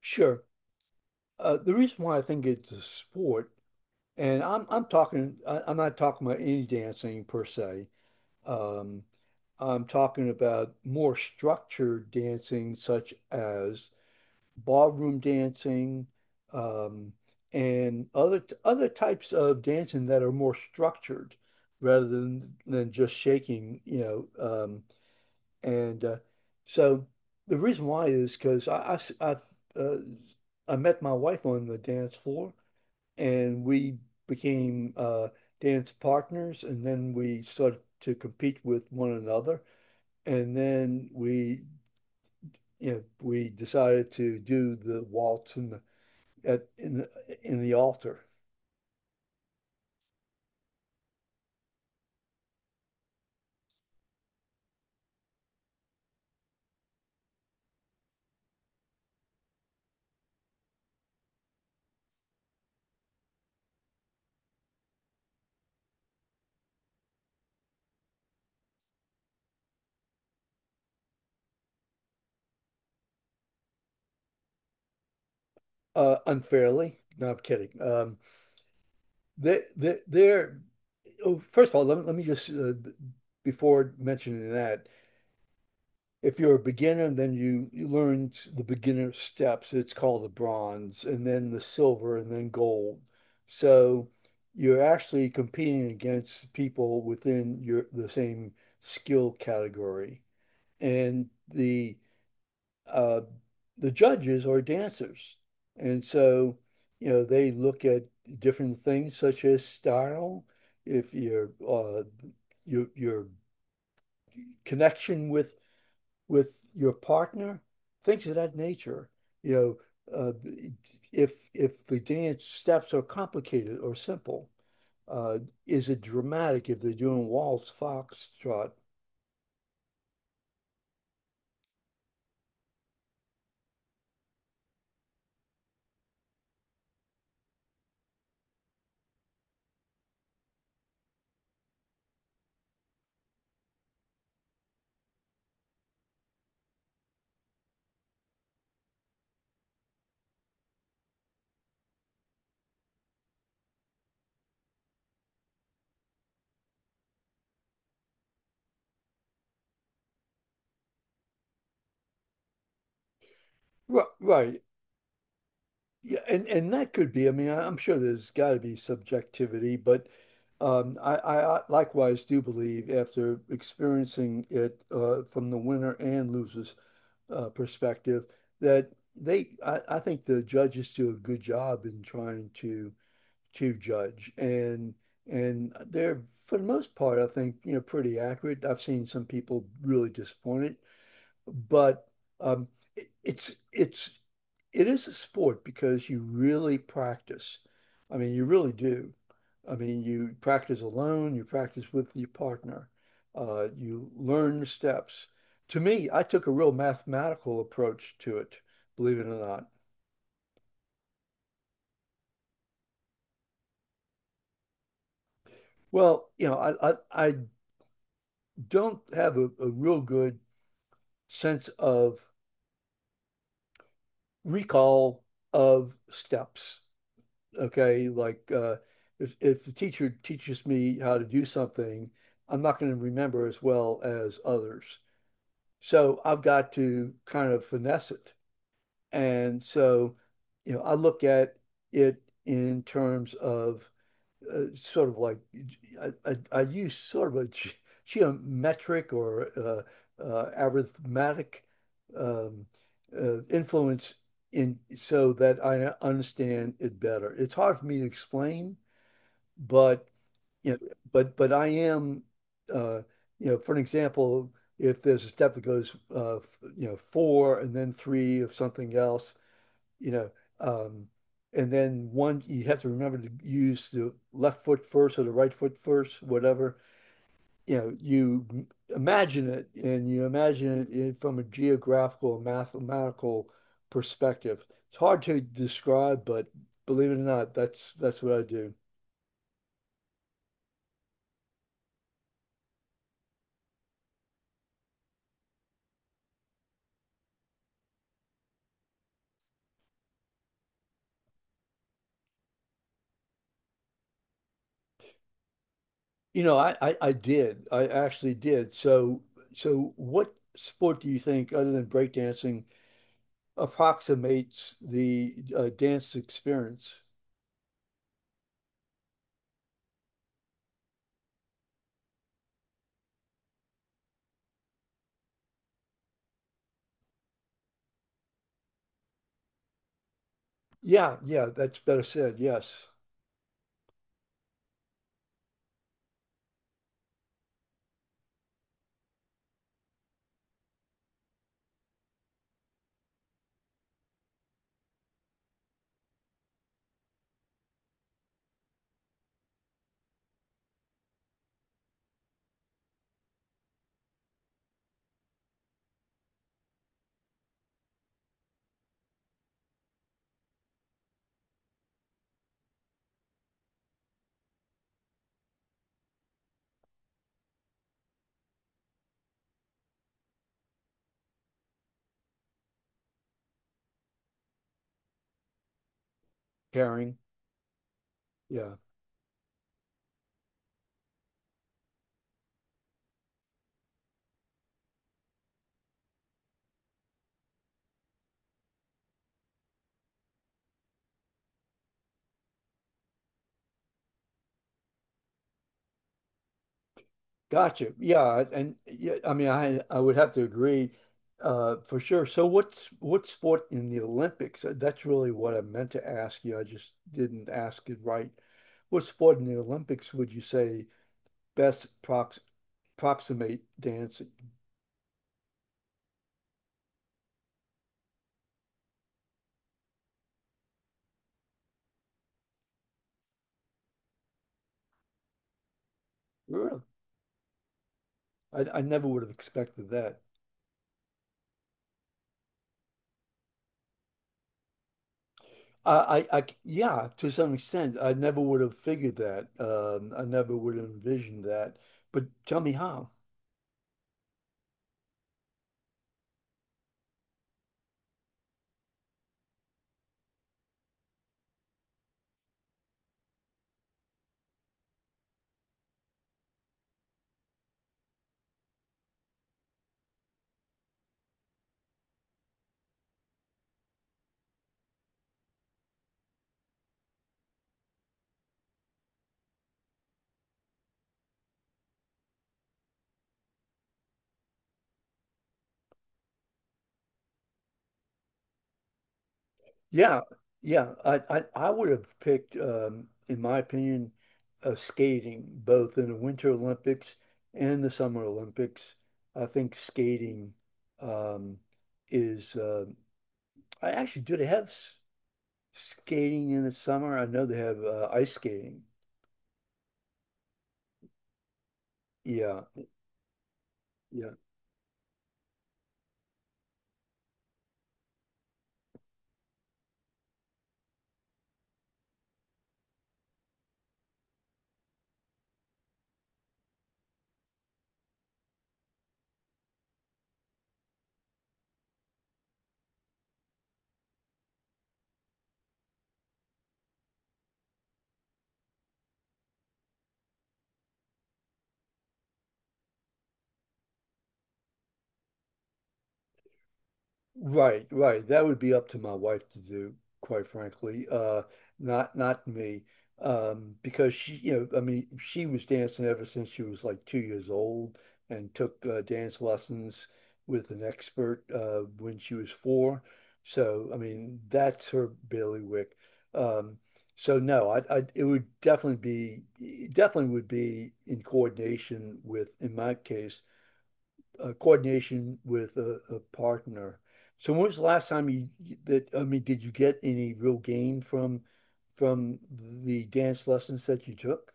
Sure. The reason why I think it's a sport, and I'm talking, I'm not talking about any dancing per se. Um, I'm talking about more structured dancing, such as ballroom dancing, um, and other types of dancing that are more structured, rather than just shaking. um, and so the reason why is because uh, I met my wife on the dance floor and we became dance partners. And then we started to compete with one another. And then we decided to do the waltz in the, at, in the altar. Unfairly. No, I'm kidding. They're, oh, first of all, let me just, before mentioning that, if you're a beginner, then you learn the beginner steps. It's called the bronze, and then the silver, and then gold. So you're actually competing against people within your the same skill category. And uh, the judges are dancers. And so, you know, they look at different things such as style, if your connection with your partner, things of that nature. You know, uh, if the dance steps are complicated or simple, uh, is it dramatic if they're doing waltz, foxtrot? Right, right. Yeah, and that could be. I mean, I'm sure there's got to be subjectivity, but I likewise do believe after experiencing it from the winner and losers perspective that I think the judges do a good job in trying to judge and they're for the most part, I think, you know, pretty accurate. I've seen some people really disappointed, but um, it's it is a sport because you really practice. I mean, you really do. I mean, you practice alone, you practice with your partner, you learn the steps. To me, I took a real mathematical approach to it, believe it or not. Well, you know, I don't have a real good sense of recall of steps. Okay, if the teacher teaches me how to do something, I'm not going to remember as well as others. So I've got to kind of finesse it. And so, you know, I look at it in terms of sort of like I, I, I use sort of a geometric or arithmetic um, influence in so that I understand it better. It's hard for me to explain, but you know, but I am, uh, you know, for an example, if there's a step that goes you know, 4 and then 3 of something else, you know, um, and then one, you have to remember to use the left foot first or the right foot first, whatever. You know, you imagine it and you imagine it from a geographical, mathematical perspective. It's hard to describe, but believe it or not, that's what I do. You know, I did. I actually did. So what sport do you think, other than breakdancing, approximates the dance experience? Yeah, yeah, that's better said. Yes, caring. Yeah, gotcha. Yeah, and yeah, I mean, I would have to agree, for sure. So, what sport in the Olympics? That's really what I meant to ask you. I just didn't ask it right. What sport in the Olympics would you say best proximate dancing? Really? I never would have expected that. Yeah, to some extent, I never would have figured that. I never would have envisioned that. But tell me how. Yeah, yeah, I would have picked, in my opinion, skating both in the Winter Olympics and the Summer Olympics. I think skating, um, is. I actually, do they have skating in the summer? I know they have ice skating. Yeah, yeah. Right, right. That would be up to my wife to do, quite frankly. Not me. Because she, you know, I mean, she was dancing ever since she was like 2 years old and took dance lessons with an expert when she was four. So, I mean, that's her bailiwick. Um, so no, I it would definitely be, it definitely would be in coordination with, in my case, coordination with a partner. So when was the last time you that I mean, did you get any real gain from from the dance lessons that you took?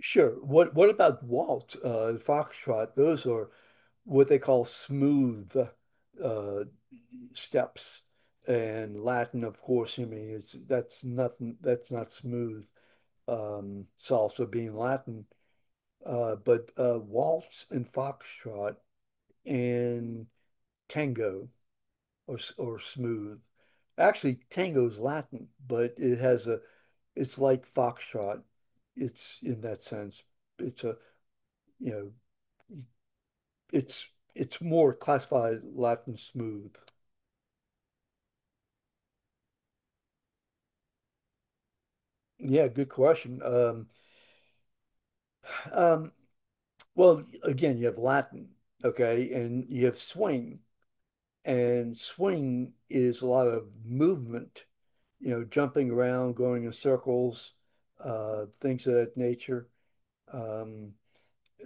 Sure. What about waltz, foxtrot? Those are what they call smooth, uh, steps, and Latin, of course. I mean, it's that's nothing. That's not smooth. Salsa being Latin, but waltz and foxtrot and tango. Or smooth. Actually, tango's Latin, but it has a it's like foxtrot. It's in that sense. It's a you know it's it's more classified Latin smooth. Yeah, good question. Um, well, again, you have Latin, okay, and you have swing, and swing is a lot of movement, you know, jumping around, going in circles, things of that nature. Um,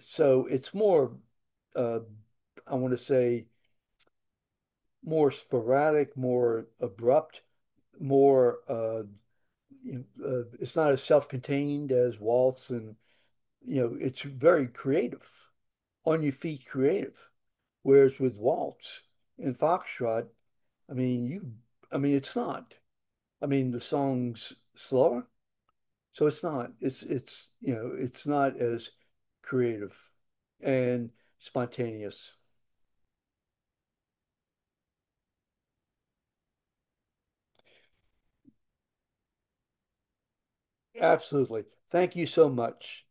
So it's more, uh, I want to say, more sporadic, more abrupt, more. You know, it's not as self-contained as waltz, and you know, it's very creative, on your feet, creative. Whereas with waltz and foxtrot, I mean, I mean, it's not. I mean, the song's slower, so it's not. It's, you know, it's not as creative and spontaneous. Absolutely. Thank you so much.